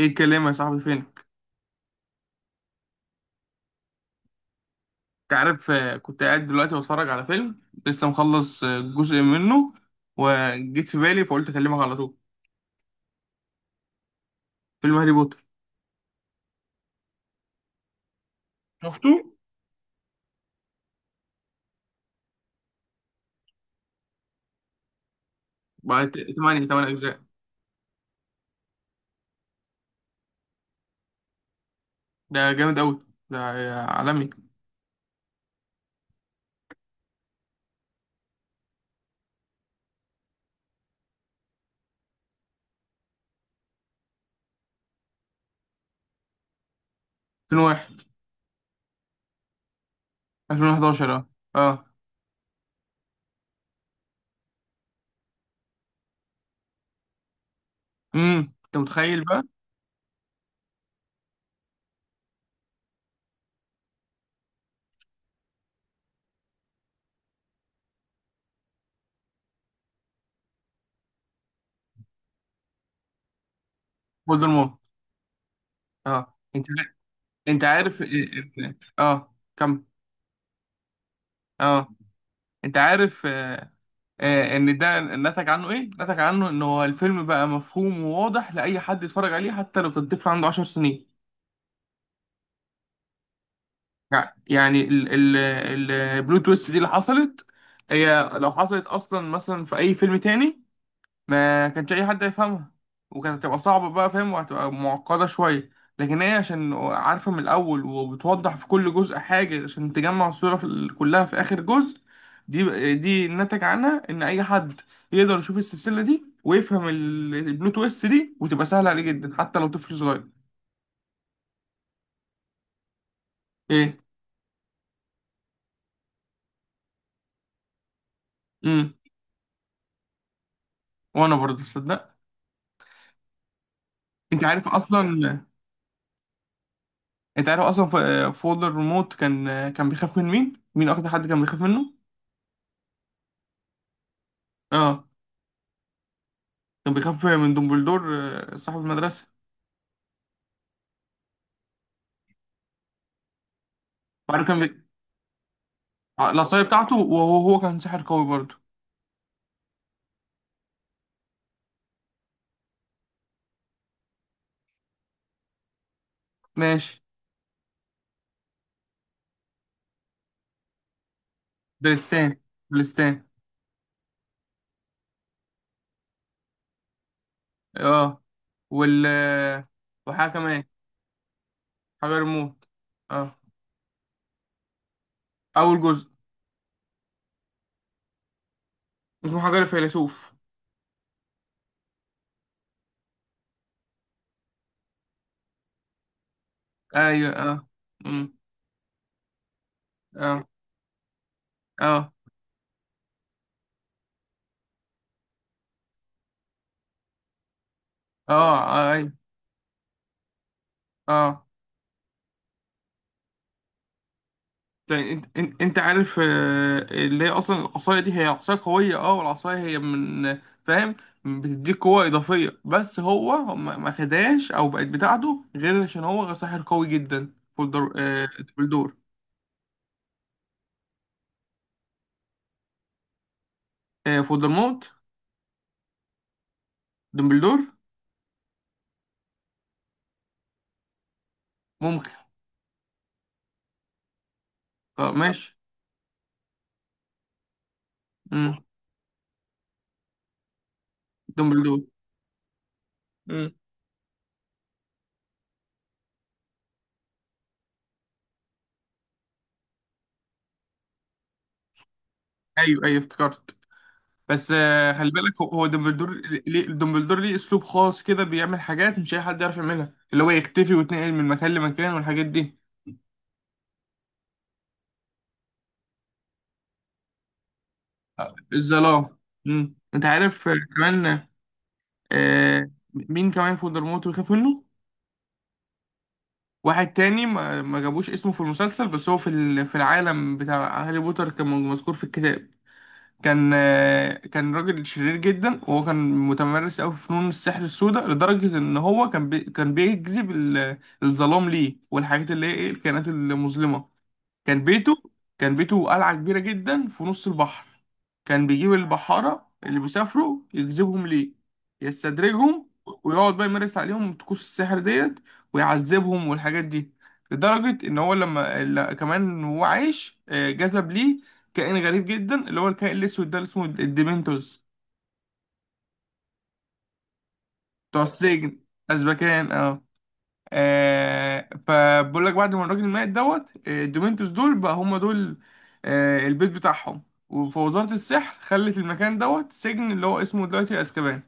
ايه الكلام يا صاحبي، فينك؟ انت عارف، كنت قاعد دلوقتي بتفرج على فيلم لسه مخلص جزء منه. وجيت في بالي فقلت اكلمك على طول. فيلم هاري بوتر. شفته. بعد. تمانية اجزاء. ده جامد قوي. ده عالمي. 2001. 2011. اه. اه. انت متخيل بقى؟ فولدمورت. اه. انت. انت عارف. اه. آه، اه. كمل. اه. انت عارف، ان ده نتج عنه ان هو الفيلم بقى مفهوم وواضح لاي حد يتفرج عليه حتى لو كان طفل عنده 10 سنين. يعني ال البلو تويست دي اللي حصلت، هي لو حصلت اصلا مثلا في اي فيلم تاني، ما كانش اي حد يفهمها. وكانت هتبقى صعبة بقى فاهم، وهتبقى معقدة شوية. لكن هي عشان عارفة من الاول، وبتوضح في كل جزء حاجة عشان تجمع الصورة في كلها في اخر جزء. دي نتج عنها ان اي حد يقدر يشوف السلسلة دي، ويفهم البلوت تويست دي، وتبقى سهلة عليه جدا حتى لو طفل صغير. ايه. امم وانا برضه تصدق. انت عارف اصلا انت عارف اصلا، فولدر ريموت كان بيخاف من مين؟ اكتر حد كان بيخاف منه. اه. كان بيخاف من دومبلدور، صاحب المدرسة. وبعدين كان العصاية بتاعته، وهو كان ساحر قوي برضه. ماشي. درستان. درستان. اه. وال آه، وحاجة كمان. حجر الموت. اه. أول جزء. اسمه حجر الفيلسوف. أيوه. اه. أمم. اه. اه. اه. أيوه. اه. يعني انت عارف، اللي هي اصلا العصايه دي هي عصايه قويه. اه. والعصايه هي من فاهم بتديك قوه اضافيه. بس هو ما خدهاش، او بقت بتاعته غير عشان هو ساحر قوي جدا. فولدر آه دمبلدور. فولدرموت. دمبلدور. ممكن. اه. ماشي. امم. دمبلدور. امم. ايوه، ايوه، افتكرت. بس خلي بالك، هو دمبلدور ليه. دمبلدور ليه اسلوب خاص كده؟ بيعمل حاجات مش اي حد يعرف يعملها، اللي هو يختفي ويتنقل من مكان لمكان، والحاجات دي. الظلام. مم. انت عارف كمان. مين كمان فولدرمورت بيخاف منه؟ واحد تاني ما جابوش اسمه في المسلسل. بس هو في في العالم بتاع هاري بوتر كان مذكور في الكتاب. كان راجل شرير جدا. وهو كان متمرس قوي في فنون السحر السوداء، لدرجة ان هو كان بيجذب الظلام ليه، والحاجات اللي هي ايه الكائنات المظلمة. كان بيته كان بيته قلعة كبيرة جدا في نص البحر. كان بيجيب البحارة اللي بيسافروا، يجذبهم ليه، يستدرجهم، ويقعد بقى يمارس عليهم طقوس السحر ديت، ويعذبهم والحاجات دي. لدرجة إن هو لما كمان وهو عايش، جذب ليه كائن غريب جدا، اللي هو الكائن الأسود ده، اللي اسمه الديمنتوس. بتوع السجن. أزبكان. اه. فبقول لك بعد ما الراجل مات دوت، الدومينتوس دول بقى هم دول. البيت بتاعهم. وفوزارة السحر خلت المكان دوت سجن اللي هو اسمه دلوقتي اسكابان.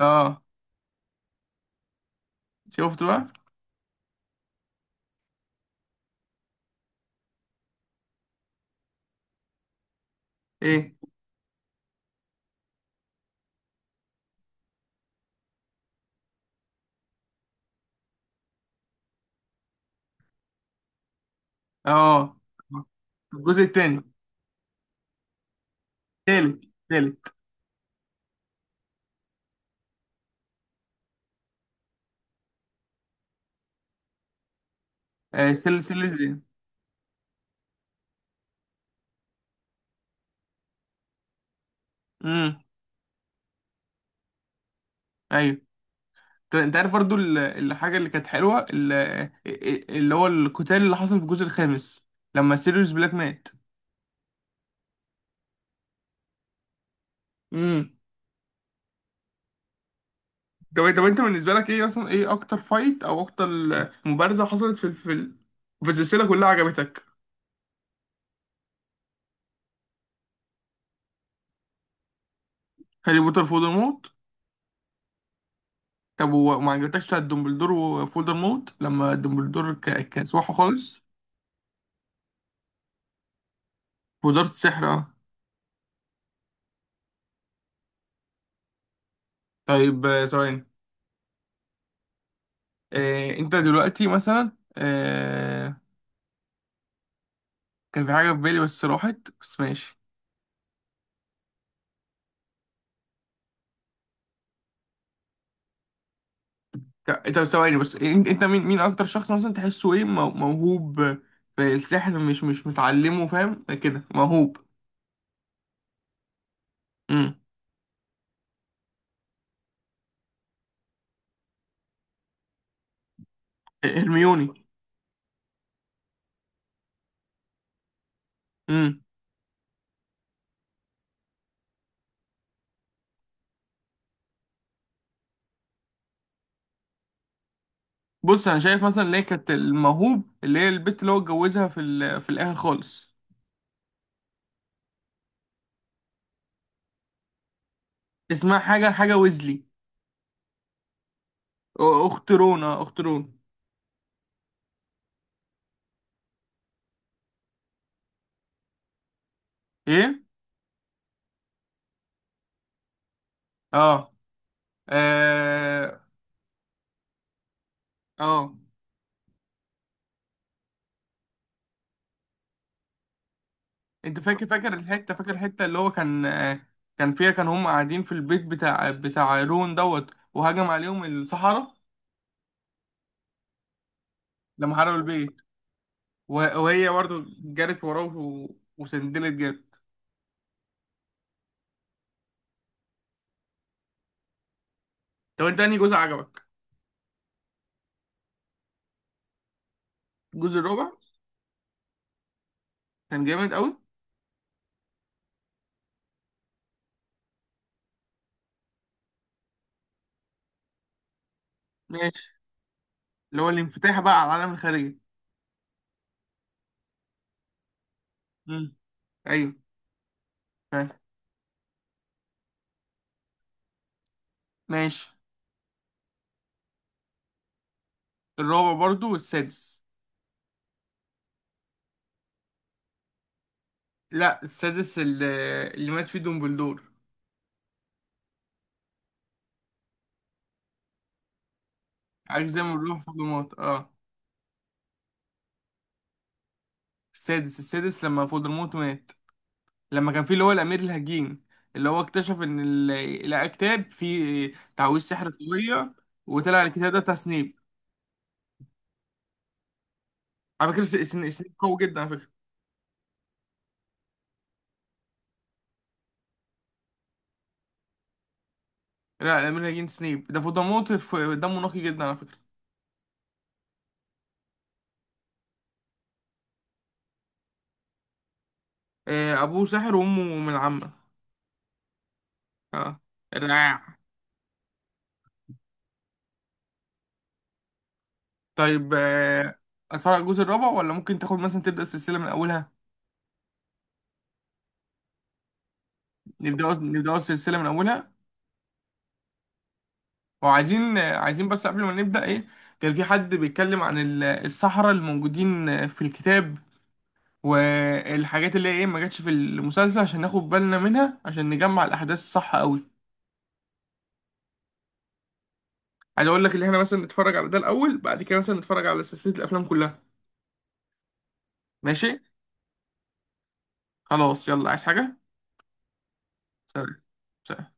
اه. شفت بقى. ايه. اه. الجزء التاني. تالت. تالت. آه سل سل سل امم. ايوه. طب انت عارف برضو الحاجه اللي كانت حلوه، اللي هو القتال اللي حصل في الجزء الخامس، لما سيريوس بلاك مات. امم. طب انت بالنسبه لك ايه، مثلا ايه اكتر فايت، او اكتر مبارزه حصلت في الفيلم، في السلسله كلها عجبتك؟ هاري بوتر فولدرمورت. طب وما عجبتكش بتاعت دومبلدور وفولدرمورت، لما دومبلدور كسوحه خالص في وزاره السحر؟ اه. طيب، ثواني. انت دلوقتي مثلا، كان في حاجه في بالي بس راحت. بس ماشي. طب ثواني بس، انت مين؟ اكتر شخص مثلا تحسه ايه موهوب في السحر، مش متعلمه، فاهم كده؟ موهوب. امم. هرميوني. امم. بص انا شايف مثلا اللي هي كانت الموهوب، اللي هي البت اللي هو اتجوزها في في الاخر خالص. اسمها حاجه ويزلي. أو- اخت رونا، اخت رونا. ايه. اه. اه. اه. انت فاكر الحته اللي هو كان، كان فيها كان هم قاعدين في البيت بتاع رون دوت، وهجم عليهم الصحراء. لما حرقوا البيت، وهي برضه جرت وراه، وسندلت جامد. طب انت انهي جزء عجبك؟ الجزء الرابع. كان جامد قوي. ماشي. اللي هو الانفتاح بقى على العالم الخارجي. مم. ايوه. فاهم. ماشي. الرابع برضو والسادس. لا، السادس اللي مات فيه دومبلدور. عارف زي ما بيقولوا فولدمورت. اه. السادس لما فولدمورت مات، لما كان فيه اللي هو الامير الهجين، اللي هو اكتشف ان الكتاب فيه تعويذ سحر قوية. وطلع الكتاب ده بتاع سنيب. على فكرة، سنيب قوي جدا على فكرة. لا، الامير الهجين سنيب ده فولدمورت. دمه نقي جدا على فكرة. ابوه ساحر وامه من العمة. اه. رائع. طيب، اتفرج على الجزء الرابع، ولا ممكن تاخد مثلا تبدا السلسله من اولها؟ نبدا السلسله من اولها. وعايزين آه، عايزين بس قبل ما نبدا ايه. كان في حد بيتكلم عن السحرة الموجودين في الكتاب، والحاجات اللي هي ايه، ما جاتش في المسلسل، عشان ناخد بالنا منها عشان نجمع الاحداث الصح قوي. عايز اقول لك اللي احنا مثلا نتفرج على ده الاول، بعد كده مثلا نتفرج على سلسله الافلام كلها. ماشي. خلاص يلا، عايز حاجه؟ سلام. سلام.